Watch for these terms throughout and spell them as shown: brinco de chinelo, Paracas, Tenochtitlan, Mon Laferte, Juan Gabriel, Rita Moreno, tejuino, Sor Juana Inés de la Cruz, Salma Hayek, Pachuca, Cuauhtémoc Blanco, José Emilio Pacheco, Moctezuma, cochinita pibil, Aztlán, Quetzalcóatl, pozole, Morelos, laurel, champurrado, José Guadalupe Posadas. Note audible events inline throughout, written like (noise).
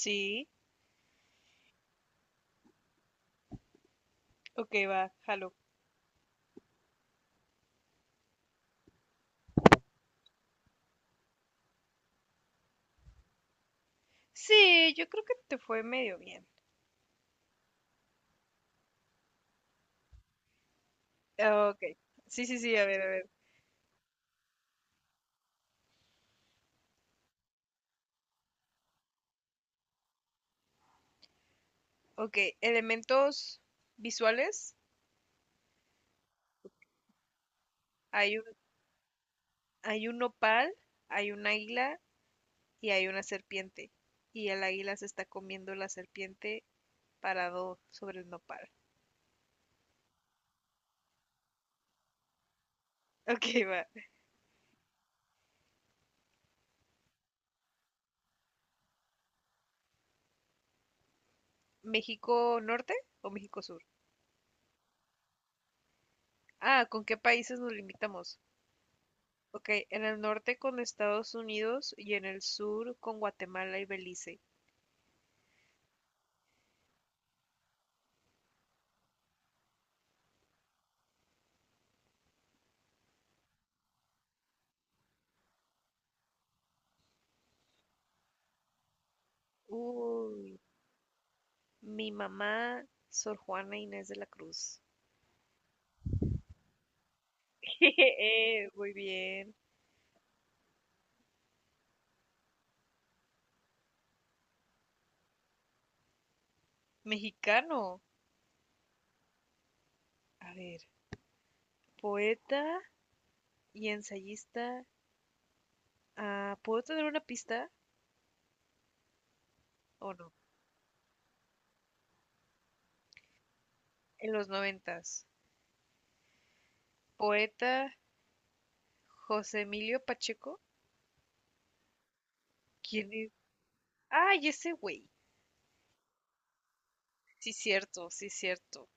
Sí, ok, va, jalo. Sí, yo creo que te fue medio bien. Ah, ok, sí, sí, sí, a ver, a ver. Ok, elementos visuales. Hay un, Hay un nopal, hay un águila y hay una serpiente. Y el águila se está comiendo la serpiente parado sobre el nopal. Ok, va. ¿México norte o México sur? Ah, ¿con qué países nos limitamos? Ok, en el norte con Estados Unidos y en el sur con Guatemala y Belice. Uy, mi mamá, Sor Juana Inés de la Cruz. (laughs) Muy bien. Mexicano. A ver, poeta y ensayista. Ah, ¿puedo tener una pista o no? En los noventas. Poeta José Emilio Pacheco. ¿Quién es? ¡Ay, ese güey! Sí, cierto, sí, cierto.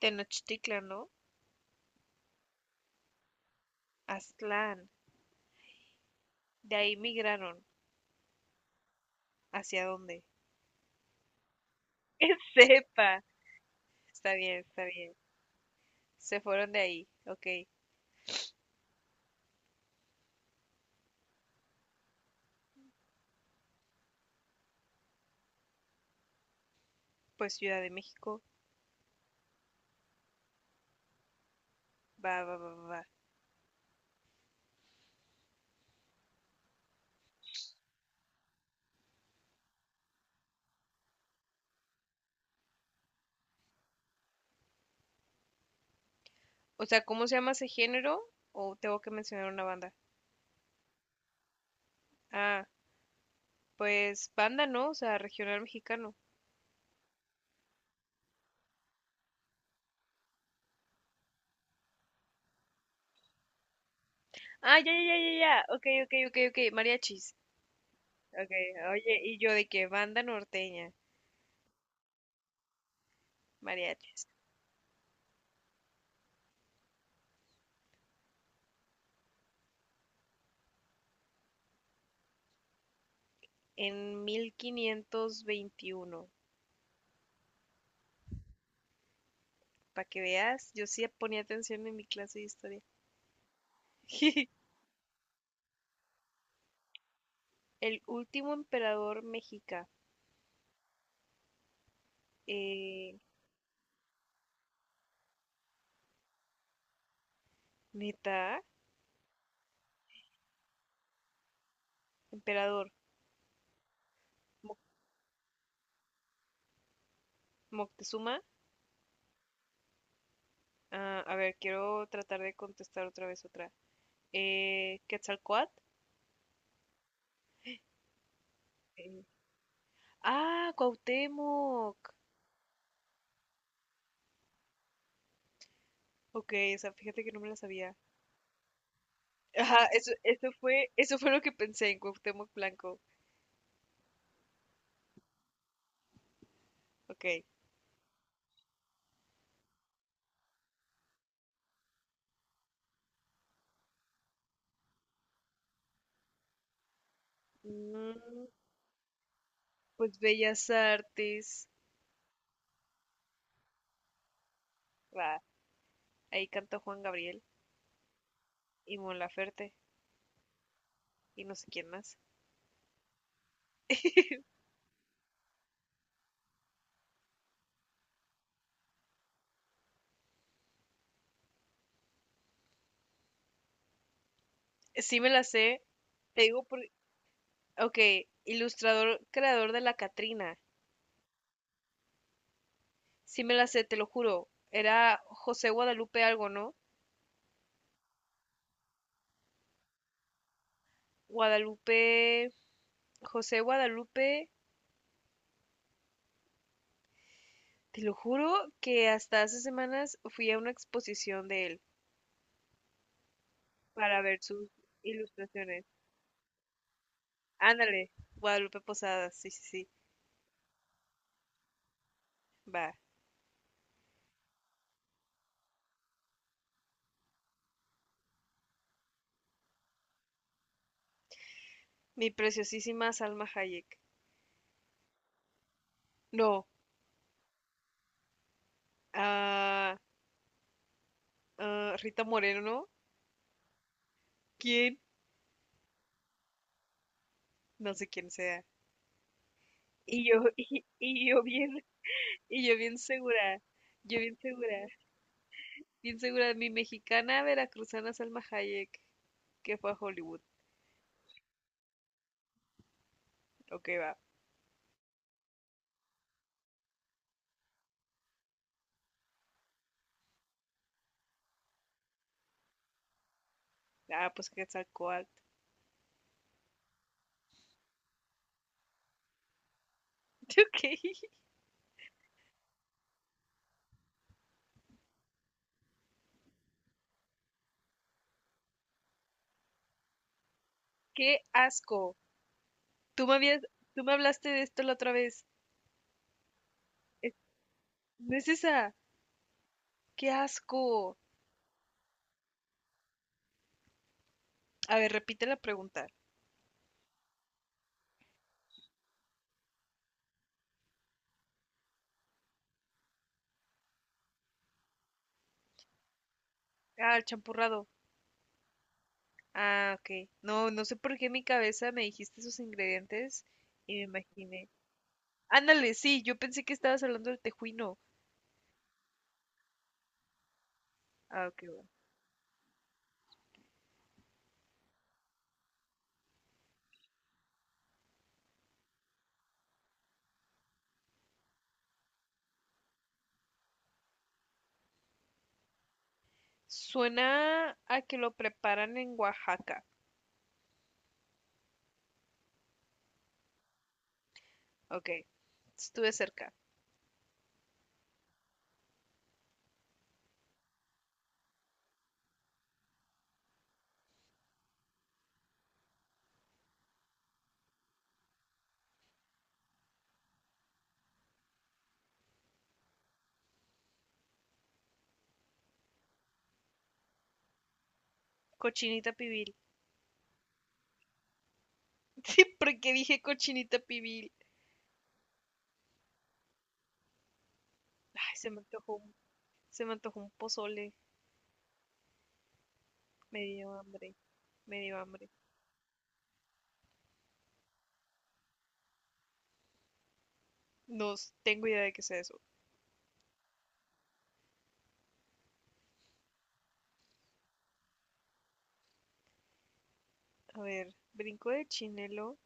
Tenochtitlan, ¿no? Aztlán. De ahí migraron. ¿Hacia dónde? (laughs) Sepa. Está bien, está bien. Se fueron de ahí. Ok. Pues Ciudad de México, va, va, va, va. O sea, ¿cómo se llama ese género? ¿O tengo que mencionar una banda? Ah, pues banda, ¿no? O sea, regional mexicano. Ah, ya, ya, ya, ya, ya. Ok, ok, ok, ok. Mariachis. Ok, oye, y yo de que banda norteña, mariachis. En 1521. Para que veas, yo sí ponía atención en mi clase de historia. El último emperador mexica. Eh, neta, emperador Mo- Moctezuma. Ah, a ver, quiero tratar de contestar otra vez otra. ¿Quetzalcóatl? Eh, Cuauhtémoc. Ok, esa, fíjate que no me la sabía. Ajá, eso, eso fue lo que pensé en Cuauhtémoc Blanco. Ok. Mm, pues Bellas Artes. Va, ahí canta Juan Gabriel y Mon Laferte y no sé quién más. Sí me la sé, te digo por... Ok, ilustrador, creador de la Catrina. Sí me la sé, te lo juro. Era José Guadalupe algo, ¿no? Guadalupe, José Guadalupe, te lo juro que hasta hace semanas fui a una exposición de él para ver sus ilustraciones. Ándale, Guadalupe Posadas, sí, sí, sí, va. Mi preciosísima Salma Hayek. No, ah, ah, Rita Moreno, ¿quién? No sé quién sea. Y yo, (laughs) y yo bien, y yo bien segura, mi mexicana veracruzana Salma Hayek, que fue a Hollywood. Ok, va. Ah, pues Quetzalcóatl. (laughs) Ok, qué asco. Tú me habías, tú me hablaste de esto la otra vez. Es- No es esa. Qué asco. A ver, repite la pregunta. Ah, el champurrado. Ah, ok. No, no sé por qué en mi cabeza me dijiste esos ingredientes y me imaginé. Ándale, sí, yo pensé que estabas hablando del tejuino. Ah, ok, bueno. Suena a que lo preparan en Oaxaca. Ok, estuve cerca. Cochinita pibil. (laughs) Sí, porque dije cochinita pibil. Ay, se me antojó. Se me antojó un pozole. Me dio hambre. Me dio hambre. No tengo idea de qué sea eso. A ver, brinco de chinelo.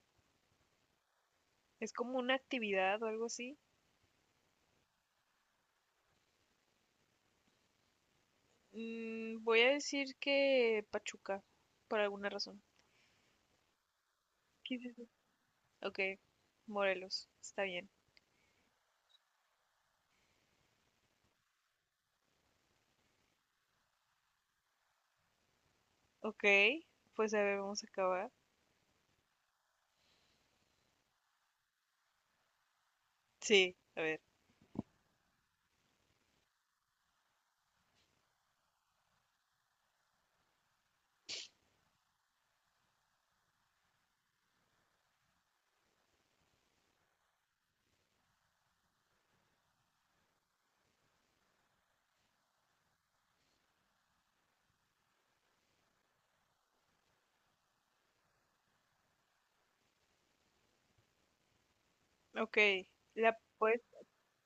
¿Es como una actividad o algo así? Mm, voy a decir que Pachuca, por alguna razón. ¿Qué es eso? Ok, Morelos, está bien. Ok, pues a ver, vamos a acabar. Sí, a ver. Ok, la pues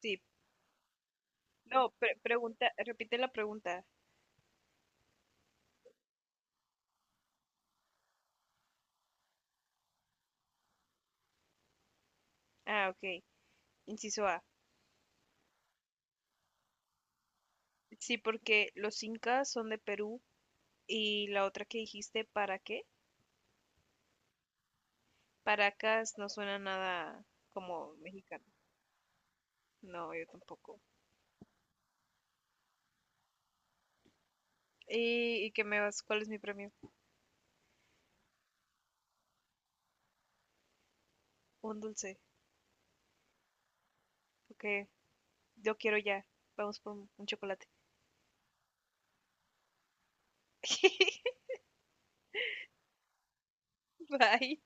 sí. No, pregunta, repite la pregunta. Ah, ok. Inciso A. Sí, porque los incas son de Perú. Y la otra que dijiste, ¿para qué? Paracas no suena nada como mexicano. No, yo tampoco. Y qué me vas? ¿Cuál es mi premio? Un dulce. Ok, yo quiero ya. Vamos por un chocolate. (laughs) Bye.